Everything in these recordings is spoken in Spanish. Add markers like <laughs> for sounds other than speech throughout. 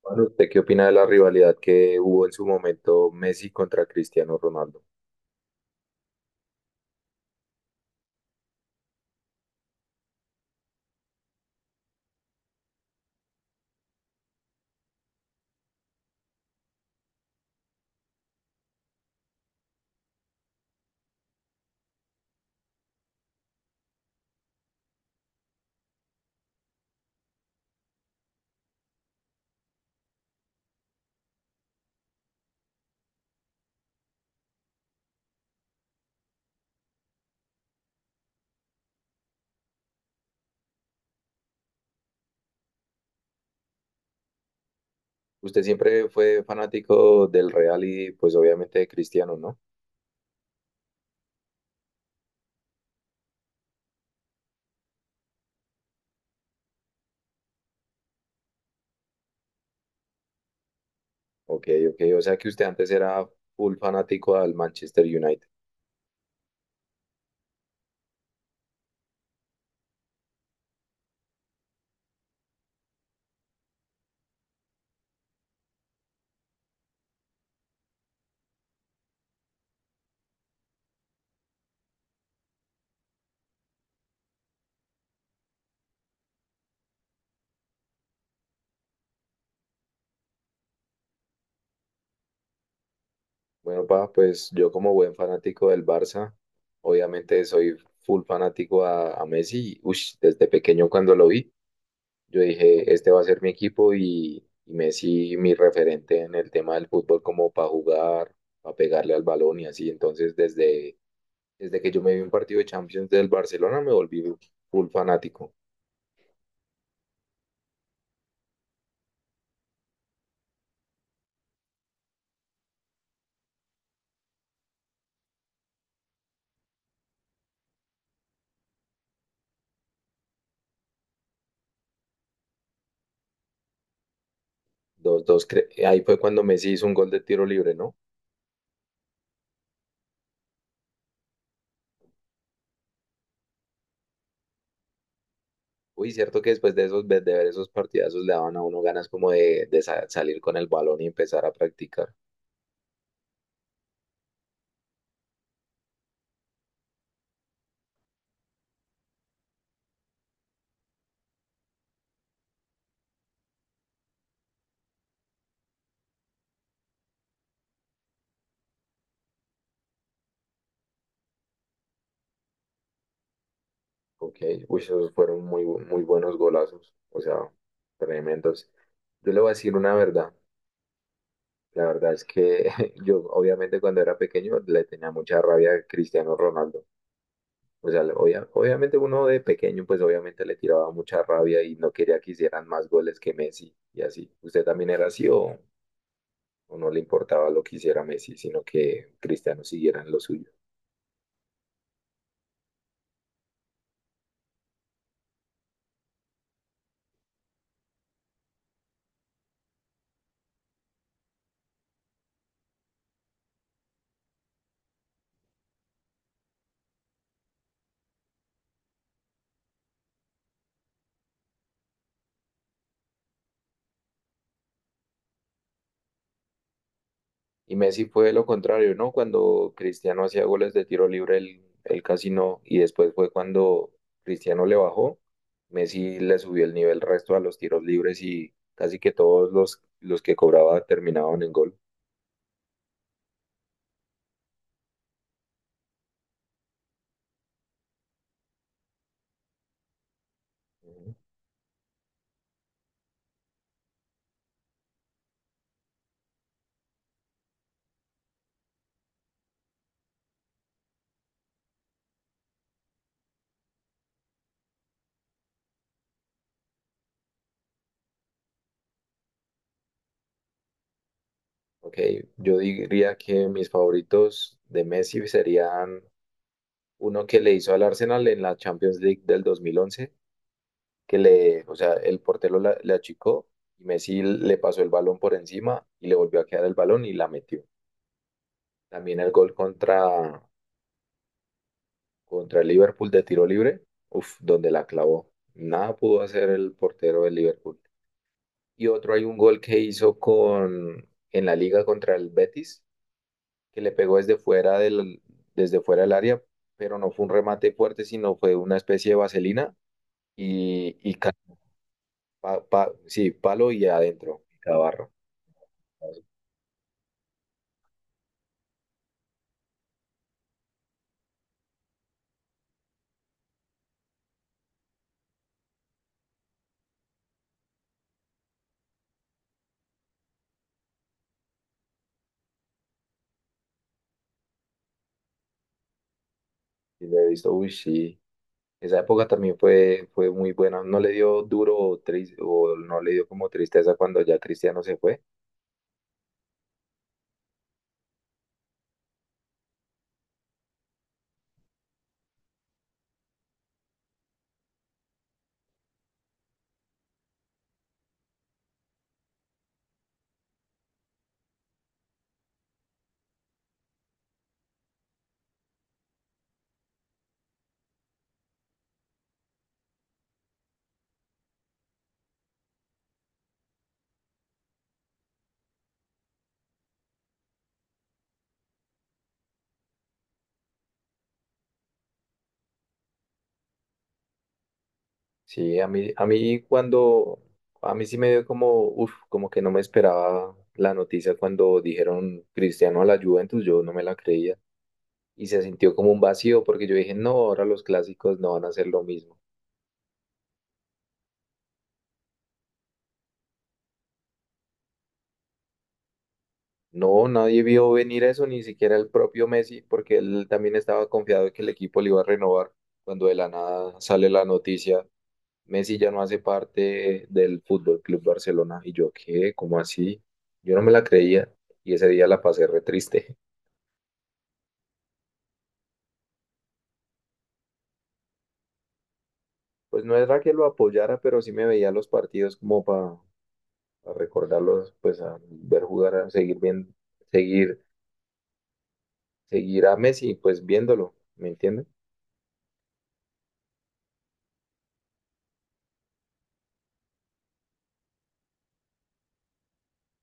Bueno, ¿usted qué opina de la rivalidad que hubo en su momento Messi contra Cristiano Ronaldo? Usted siempre fue fanático del Real y pues obviamente de Cristiano, ¿no? Ok, ok, o sea que usted antes era full fanático al Manchester United. Bueno, pues yo como buen fanático del Barça, obviamente soy full fanático a Messi, ush, desde pequeño cuando lo vi. Yo dije, este va a ser mi equipo y Messi mi referente en el tema del fútbol como para jugar, para pegarle al balón y así. Entonces, desde que yo me vi un partido de Champions del Barcelona, me volví full fanático. Dos, dos, ahí fue cuando Messi hizo un gol de tiro libre, ¿no? Uy, cierto que después de esos, de ver esos partidazos le daban a uno ganas como de, salir con el balón y empezar a practicar. Ok, uy, esos fueron muy buenos golazos, o sea, tremendos. Yo le voy a decir una verdad. La verdad es que <laughs> yo, obviamente, cuando era pequeño le tenía mucha rabia a Cristiano Ronaldo. O sea, obviamente uno de pequeño, pues obviamente le tiraba mucha rabia y no quería que hicieran más goles que Messi y así. ¿Usted también era así o no le importaba lo que hiciera Messi, sino que Cristiano siguiera en lo suyo? Y Messi fue lo contrario, ¿no? Cuando Cristiano hacía goles de tiro libre, él casi no. Y después fue cuando Cristiano le bajó, Messi le subió el nivel resto a los tiros libres y casi que todos los que cobraba terminaban en gol. Ujú. Ok, yo diría que mis favoritos de Messi serían uno que le hizo al Arsenal en la Champions League del 2011, o sea, el portero le achicó y Messi le pasó el balón por encima y le volvió a quedar el balón y la metió. También el gol contra el Liverpool de tiro libre, uf, donde la clavó. Nada pudo hacer el portero del Liverpool. Y otro hay un gol que hizo con, en la liga contra el Betis, que le pegó desde fuera del área, pero no fue un remate fuerte, sino fue una especie de vaselina y, sí, palo y adentro, y Cabarro. Y lo he visto, uy, sí, esa época también fue muy buena. No le dio duro o, o no le dio como tristeza cuando ya Cristiano se fue. Sí, a mí cuando, a mí sí me dio como, uff, como que no me esperaba la noticia cuando dijeron Cristiano a la Juventus, yo no me la creía. Y se sintió como un vacío porque yo dije, no, ahora los clásicos no van a ser lo mismo. No, nadie vio venir eso, ni siquiera el propio Messi, porque él también estaba confiado de que el equipo le iba a renovar cuando de la nada sale la noticia. Messi ya no hace parte del Fútbol Club Barcelona. Y yo, ¿qué? ¿Cómo así? Yo no me la creía y ese día la pasé re triste. Pues no era que lo apoyara, pero sí me veía los partidos como para recordarlos, pues a ver jugar, a seguir viendo, seguir, seguir a Messi, pues viéndolo, ¿me entiendes?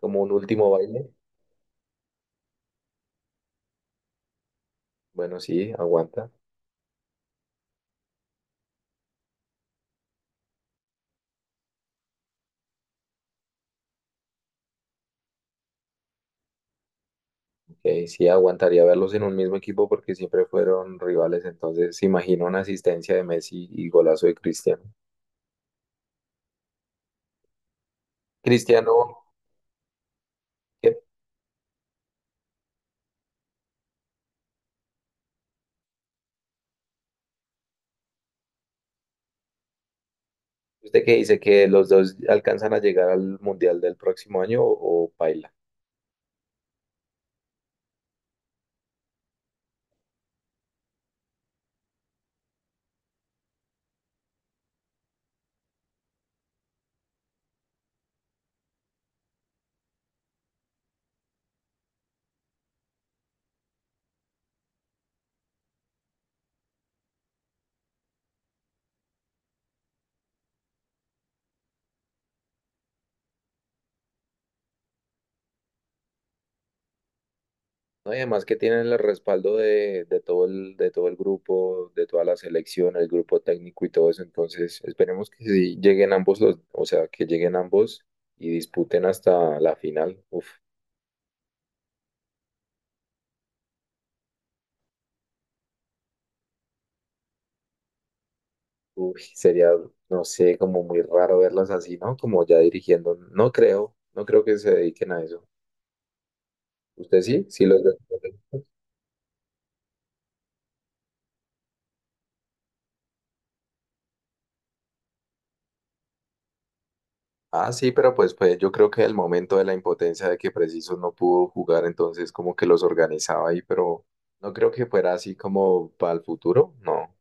Como un último baile. Bueno, sí, aguanta. Ok, sí, aguantaría verlos en un mismo equipo porque siempre fueron rivales. Entonces, se imagina una asistencia de Messi y golazo de Cristiano. Cristiano, que ¿Usted qué dice? ¿Que los dos alcanzan a llegar al Mundial del próximo año o paila? No, y además que tienen el respaldo de todo el grupo, de toda la selección, el grupo técnico y todo eso. Entonces, esperemos que sí lleguen ambos o sea, que lleguen ambos y disputen hasta la final. Uf, uy, sería, no sé, como muy raro verlos así, ¿no? Como ya dirigiendo. No creo, no creo que se dediquen a eso. ¿Usted sí? Sí los ve. Ah, sí, pero pues, pues yo creo que el momento de la impotencia de que Preciso no pudo jugar, entonces como que los organizaba ahí, pero no creo que fuera así como para el futuro, no.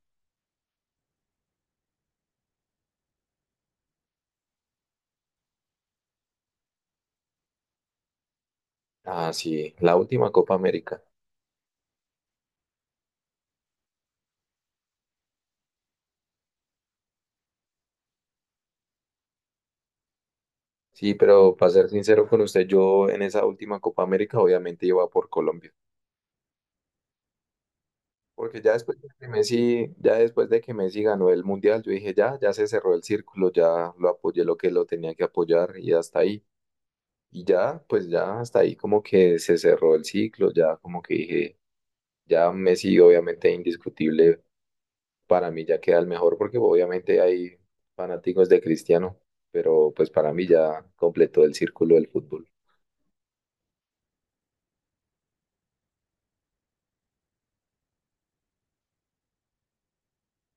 Ah, sí, la última Copa América. Sí, pero para ser sincero con usted, yo en esa última Copa América obviamente iba por Colombia, porque ya después de que Messi, ya después de que Messi ganó el Mundial, yo dije, ya, ya se cerró el círculo, ya lo apoyé lo que lo tenía que apoyar y hasta ahí. Y ya, pues ya hasta ahí como que se cerró el ciclo, ya como que dije ya Messi, obviamente, indiscutible para mí, ya queda el mejor, porque obviamente hay fanáticos de Cristiano, pero pues para mí ya completó el círculo del fútbol.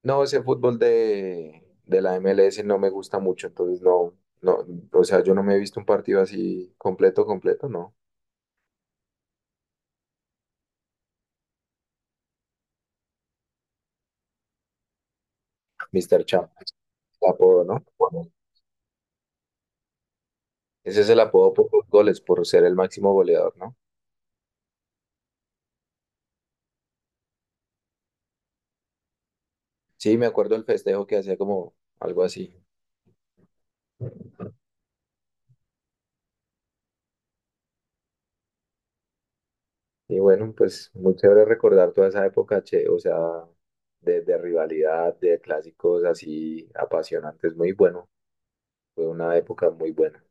No, ese fútbol de la MLS no me gusta mucho, entonces no, no, o sea, yo no me he visto un partido así completo, completo, no. Mister Champ, el apodo, ¿no? Bueno, ese es el apodo por los goles, por ser el máximo goleador, ¿no? Sí, me acuerdo el festejo que hacía como algo así. Y bueno, pues muy chévere recordar toda esa época, che, o sea, de rivalidad, de clásicos así apasionantes, muy bueno. Fue una época muy buena.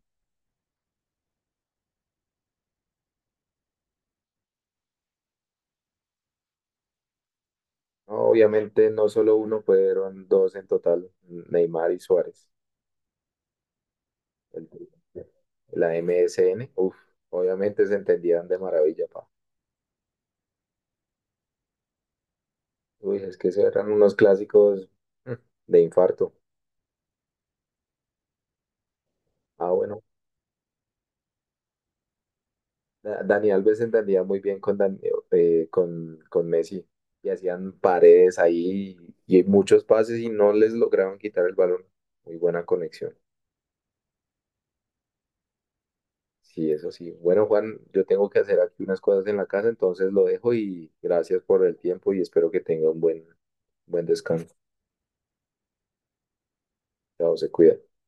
No, obviamente no solo uno, fueron dos en total, Neymar y Suárez. El- la MSN uff, obviamente se entendían de maravilla, pa. Uy, es que esos eran unos clásicos mm, de infarto. Ah, bueno, Dani Alves se entendía muy bien con Messi y hacían paredes ahí y muchos pases y no les lograban quitar el balón. Muy buena conexión. Sí, eso sí. Bueno, Juan, yo tengo que hacer aquí unas cosas en la casa, entonces lo dejo y gracias por el tiempo y espero que tenga un buen descanso. Chao, se cuida.